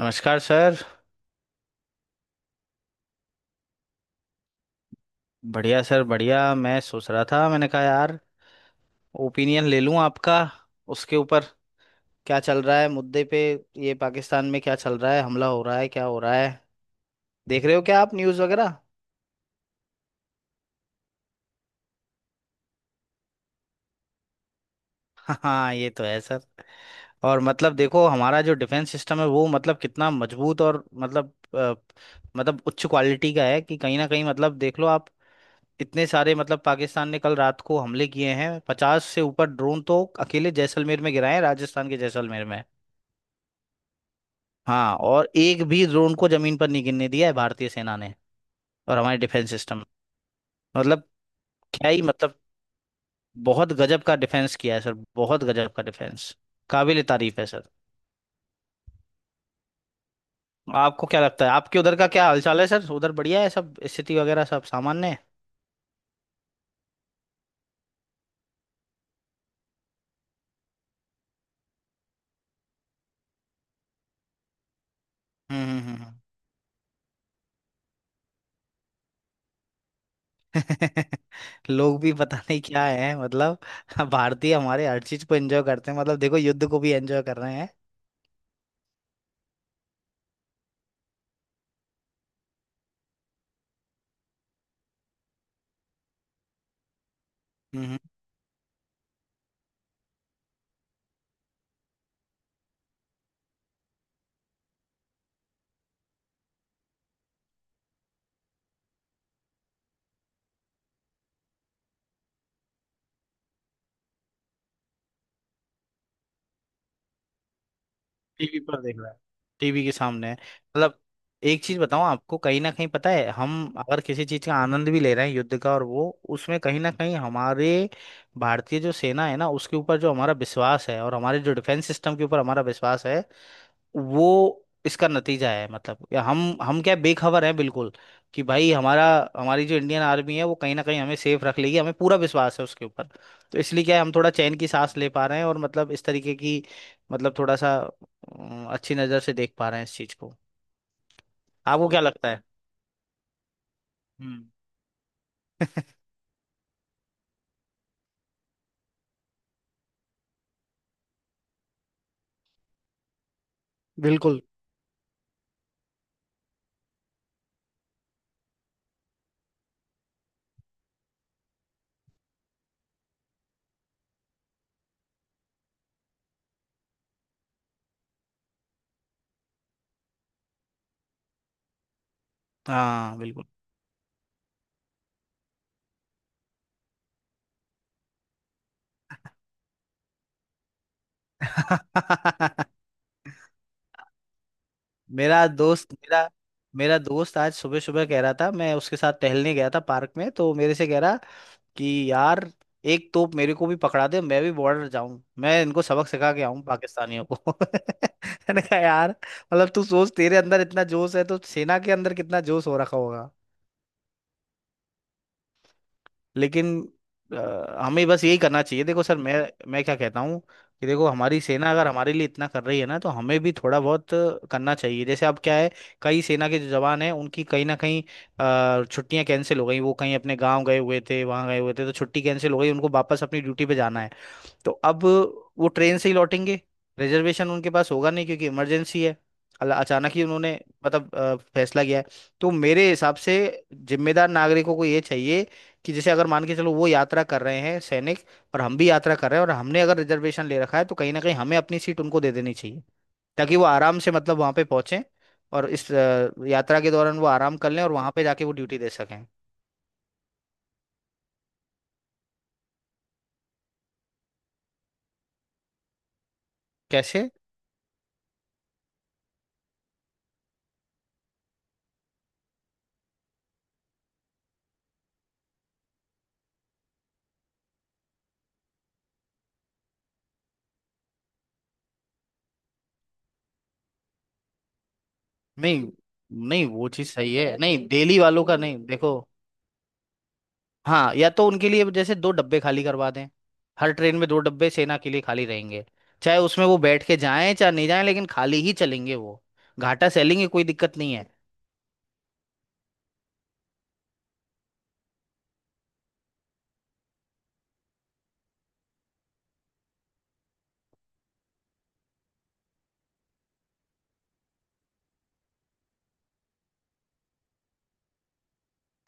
नमस्कार सर। बढ़िया सर बढ़िया। मैं सोच रहा था, मैंने कहा यार ओपिनियन ले लूं आपका उसके ऊपर, क्या चल रहा है मुद्दे पे। ये पाकिस्तान में क्या चल रहा है, हमला हो रहा है, क्या हो रहा है? देख रहे हो क्या आप न्यूज़ वगैरह? हाँ ये तो है सर। और मतलब देखो हमारा जो डिफेंस सिस्टम है वो मतलब कितना मजबूत और मतलब मतलब उच्च क्वालिटी का है कि कहीं ना कहीं मतलब देख लो आप। इतने सारे मतलब पाकिस्तान ने कल रात को हमले किए हैं, 50 से ऊपर ड्रोन तो अकेले जैसलमेर में गिराए हैं, राजस्थान के जैसलमेर में। हाँ, और एक भी ड्रोन को जमीन पर नहीं गिरने दिया है भारतीय सेना ने। और हमारे डिफेंस सिस्टम मतलब क्या ही मतलब, बहुत गजब का डिफेंस किया है सर, बहुत गजब का डिफेंस। काबिल तारीफ है सर। आपको क्या लगता है, आपके उधर का क्या हालचाल है सर? उधर बढ़िया है सब, स्थिति वगैरह सब सामान्य है? हम्म हम्म, हम्म, हम्म। लोग भी पता नहीं क्या है मतलब। भारतीय हमारे हर चीज को एंजॉय करते हैं, मतलब देखो युद्ध को भी एंजॉय कर रहे हैं। हम्म। टीवी पर देख रहा है, टीवी के सामने है। मतलब एक चीज बताऊं आपको, कहीं ना कहीं पता है हम अगर किसी चीज का आनंद भी ले रहे हैं युद्ध का, और वो उसमें कहीं ना कहीं हमारे भारतीय जो सेना है ना उसके ऊपर जो हमारा विश्वास है, और हमारे जो डिफेंस सिस्टम के ऊपर हमारा विश्वास है, वो इसका नतीजा है। मतलब या हम क्या बेखबर हैं बिल्कुल कि भाई हमारा, हमारी जो इंडियन आर्मी है वो कहीं ना कहीं हमें सेफ रख लेगी, हमें पूरा विश्वास है उसके ऊपर। तो इसलिए क्या है हम थोड़ा चैन की सांस ले पा रहे हैं, और मतलब इस तरीके की मतलब थोड़ा सा अच्छी नज़र से देख पा रहे हैं इस चीज़ को। आपको क्या लगता है? हम्म। बिल्कुल। हाँ बिल्कुल। मेरा दोस्त मेरा, मेरा दोस्त आज सुबह सुबह कह रहा था, मैं उसके साथ टहलने गया था पार्क में, तो मेरे से कह रहा कि यार एक तोप मेरे को भी पकड़ा दे, मैं भी बॉर्डर जाऊं, मैं इनको सबक सिखा के आऊं पाकिस्तानियों को। मैंने कहा यार मतलब तू सोच, तेरे अंदर इतना जोश है तो सेना के अंदर कितना जोश हो रखा होगा। लेकिन हमें बस यही करना चाहिए। देखो सर मैं क्या कहता हूँ कि देखो हमारी सेना अगर हमारे लिए इतना कर रही है ना तो हमें भी थोड़ा बहुत करना चाहिए। जैसे अब क्या है, कई सेना के जो जवान हैं उनकी कहीं ना कहीं छुट्टियां कैंसिल हो गई। वो कहीं अपने गांव गए हुए थे, वहां गए हुए थे तो छुट्टी कैंसिल हो गई, उनको वापस अपनी ड्यूटी पे जाना है। तो अब वो ट्रेन से ही लौटेंगे, रिजर्वेशन उनके पास होगा नहीं क्योंकि इमरजेंसी है। अचानक ही उन्होंने मतलब फैसला किया है। तो मेरे हिसाब से जिम्मेदार नागरिकों को ये चाहिए कि जैसे अगर मान के चलो वो यात्रा कर रहे हैं सैनिक, और हम भी यात्रा कर रहे हैं और हमने अगर रिजर्वेशन ले रखा है, तो कहीं ना कहीं हमें अपनी सीट उनको दे देनी चाहिए, ताकि वो आराम से मतलब वहां पे पहुंचे और इस यात्रा के दौरान वो आराम कर लें और वहां पे जाके वो ड्यूटी दे सकें। कैसे? नहीं नहीं, वो चीज़ सही है। नहीं, दिल्ली वालों का नहीं, देखो हाँ, या तो उनके लिए जैसे 2 डब्बे खाली करवा दें, हर ट्रेन में 2 डब्बे सेना के लिए खाली रहेंगे, चाहे उसमें वो बैठ के जाएं चाहे नहीं जाएं, लेकिन खाली ही चलेंगे वो। घाटा सैलेंगे, कोई दिक्कत नहीं है।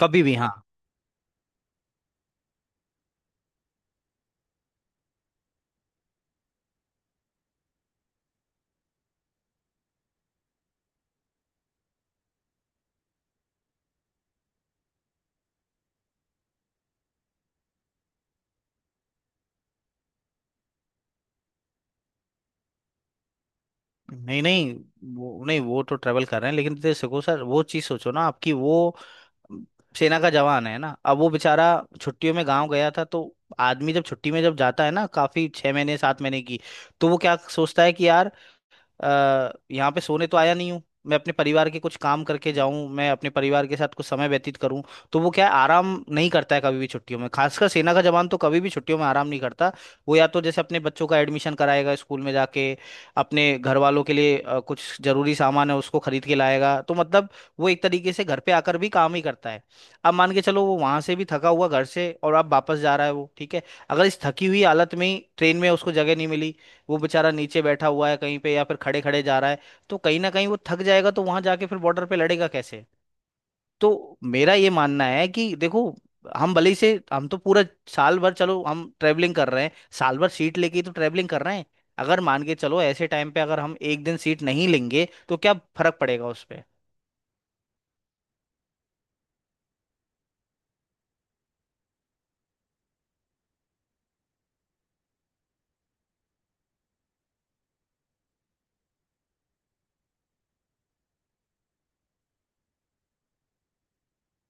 कभी भी, हाँ। नहीं नहीं, वो नहीं, वो तो ट्रेवल कर रहे हैं, लेकिन दे सको सर वो चीज़ सोचो ना आपकी। वो अम, सेना का जवान है ना, अब वो बेचारा छुट्टियों में गांव गया था। तो आदमी जब छुट्टी में जब जाता है ना, काफी 6 महीने 7 महीने की, तो वो क्या सोचता है कि यार यहाँ पे सोने तो आया नहीं हूँ, मैं अपने परिवार के कुछ काम करके जाऊं, मैं अपने परिवार के साथ कुछ समय व्यतीत करूं। तो वो क्या है, आराम नहीं करता है कभी भी छुट्टियों में, खासकर सेना का जवान तो कभी भी छुट्टियों में आराम नहीं करता। वो या तो जैसे अपने बच्चों का एडमिशन कराएगा स्कूल में जाके, अपने घर वालों के लिए कुछ जरूरी सामान है उसको खरीद के लाएगा, तो मतलब वो एक तरीके से घर पे आकर भी काम ही करता है। अब मान के चलो वो वहां से भी थका हुआ घर से, और अब वापस जा रहा है वो, ठीक है, अगर इस थकी हुई हालत में ही ट्रेन में उसको जगह नहीं मिली, वो बेचारा नीचे बैठा हुआ है कहीं पे या फिर खड़े खड़े जा रहा है, तो कहीं ना कहीं वो थक जाएगा, तो वहां जाके फिर बॉर्डर पे लड़ेगा कैसे? तो मेरा ये मानना है कि देखो हम भले ही से हम तो पूरा साल भर चलो हम ट्रैवलिंग कर रहे हैं, साल भर सीट लेके ही तो ट्रैवलिंग कर रहे हैं, अगर मान के चलो ऐसे टाइम पे अगर हम 1 दिन सीट नहीं लेंगे तो क्या फर्क पड़ेगा उस पे?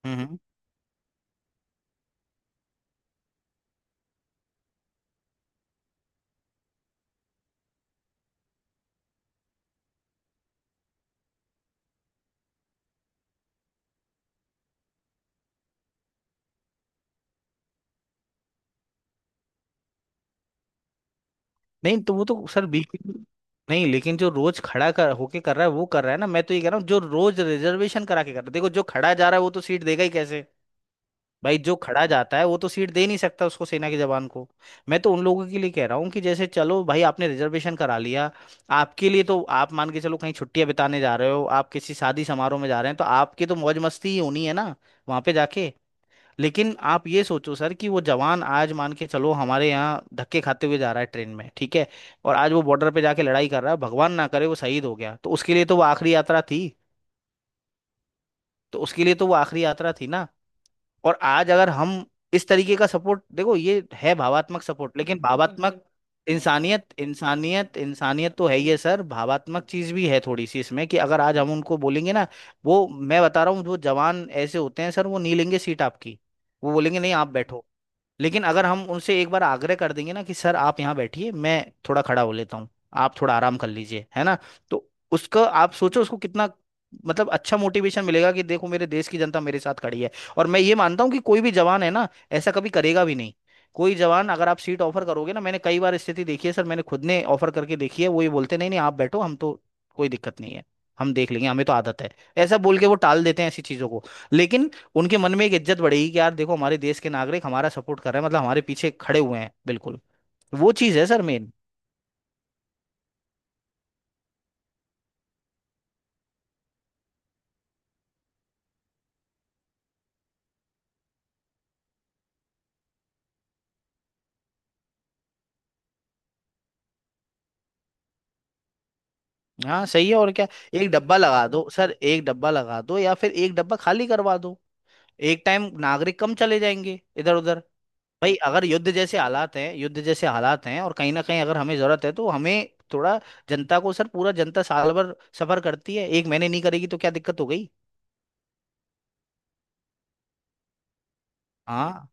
हम्म हम्म। नहीं तो वो तो सर बिल्कुल, नहीं लेकिन जो रोज खड़ा कर होके कर रहा है वो कर रहा है ना, मैं तो ये कह रहा हूँ जो रोज रिजर्वेशन करा के कर रहा है। देखो जो खड़ा जा रहा है वो तो सीट देगा ही कैसे, भाई जो खड़ा जाता है वो तो सीट दे नहीं सकता उसको सेना के जवान को। मैं तो उन लोगों के लिए कह रहा हूँ कि जैसे चलो भाई आपने रिजर्वेशन करा लिया, आपके लिए तो आप मान के चलो कहीं छुट्टियां बिताने जा रहे हो, आप किसी शादी समारोह में जा रहे हैं, तो आपकी तो मौज मस्ती ही होनी है ना वहां पे जाके। लेकिन आप ये सोचो सर कि वो जवान आज मान के चलो हमारे यहाँ धक्के खाते हुए जा रहा है ट्रेन में, ठीक है, और आज वो बॉर्डर पे जाके लड़ाई कर रहा है, भगवान ना करे वो शहीद हो गया, तो उसके लिए तो वो आखिरी यात्रा थी। तो उसके लिए तो वो आखिरी यात्रा थी ना, और आज अगर हम इस तरीके का सपोर्ट, देखो ये है भावात्मक सपोर्ट, लेकिन भावात्मक बिल्कुल। इंसानियत, इंसानियत, इंसानियत तो है ही है सर, भावात्मक चीज भी है थोड़ी सी इसमें, कि अगर आज हम उनको बोलेंगे ना, वो मैं बता रहा हूँ जो जवान ऐसे होते हैं सर वो नहीं लेंगे सीट आपकी, वो बोलेंगे नहीं आप बैठो। लेकिन अगर हम उनसे एक बार आग्रह कर देंगे ना कि सर आप यहाँ बैठिए, मैं थोड़ा खड़ा हो लेता हूँ, आप थोड़ा आराम कर लीजिए, है ना, तो उसका आप सोचो उसको कितना मतलब अच्छा मोटिवेशन मिलेगा कि देखो मेरे देश की जनता मेरे साथ खड़ी है। और मैं ये मानता हूँ कि कोई भी जवान है ना ऐसा कभी करेगा भी नहीं, कोई जवान अगर आप सीट ऑफर करोगे ना, मैंने कई बार स्थिति देखी है सर, मैंने खुद ने ऑफर करके देखी है, वो ये बोलते नहीं नहीं आप बैठो हम तो कोई दिक्कत नहीं है, हम देख लेंगे, हमें तो आदत है। ऐसा बोल के वो टाल देते हैं ऐसी चीजों को। लेकिन उनके मन में एक इज्जत बढ़ेगी कि यार देखो हमारे देश के नागरिक हमारा सपोर्ट कर रहे हैं, मतलब हमारे पीछे खड़े हुए हैं बिल्कुल। वो चीज़ है सर मेन। हाँ सही है, और क्या। एक डब्बा लगा दो सर, एक डब्बा लगा दो या फिर एक डब्बा खाली करवा दो, एक टाइम नागरिक कम चले जाएंगे इधर उधर। भाई अगर युद्ध जैसे हालात हैं, युद्ध जैसे हालात हैं और कहीं ना कहीं अगर हमें जरूरत है तो हमें थोड़ा, जनता को सर, पूरा जनता साल भर सफर करती है, 1 महीने नहीं करेगी तो क्या दिक्कत हो गई। हाँ।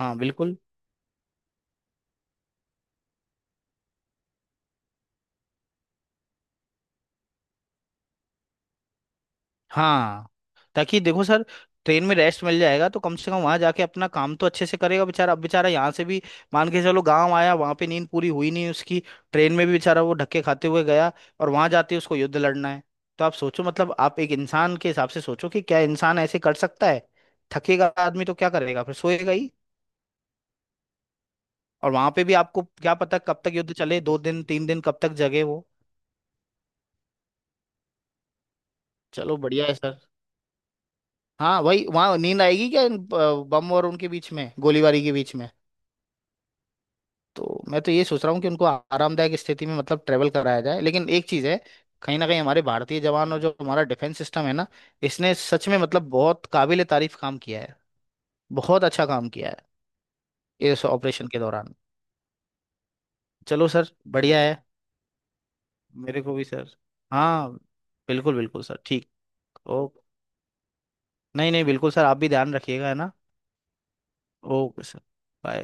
हाँ बिल्कुल। हाँ, ताकि देखो सर ट्रेन में रेस्ट मिल जाएगा तो कम से कम वहां जाके अपना काम तो अच्छे से करेगा बेचारा। अब बेचारा यहाँ से भी मान के चलो गांव आया, वहां पे नींद पूरी हुई नहीं उसकी, ट्रेन में भी बेचारा वो धक्के खाते हुए गया, और वहां जाते उसको युद्ध लड़ना है। तो आप सोचो मतलब आप एक इंसान के हिसाब से सोचो कि क्या इंसान ऐसे कर सकता है। थकेगा आदमी तो क्या करेगा, फिर सोएगा ही। और वहां पे भी आपको क्या पता कब तक युद्ध चले, 2 दिन, 3 दिन, कब तक जगे वो। चलो बढ़िया है सर। हाँ वही, वहां नींद आएगी क्या बम और उनके बीच में गोलीबारी के बीच में। तो मैं तो ये सोच रहा हूँ कि उनको आरामदायक स्थिति में मतलब ट्रेवल कराया जाए। लेकिन एक चीज़ है कहीं ना कहीं हमारे भारतीय जवान और जो हमारा डिफेंस सिस्टम है ना, इसने सच में मतलब बहुत काबिल तारीफ काम किया है, बहुत अच्छा काम किया है इस ऑपरेशन के दौरान। चलो सर बढ़िया है, मेरे को भी सर। हाँ, बिल्कुल बिल्कुल सर, ठीक। ओ, नहीं नहीं बिल्कुल सर, आप भी ध्यान रखिएगा, है ना। Okay sir, bye.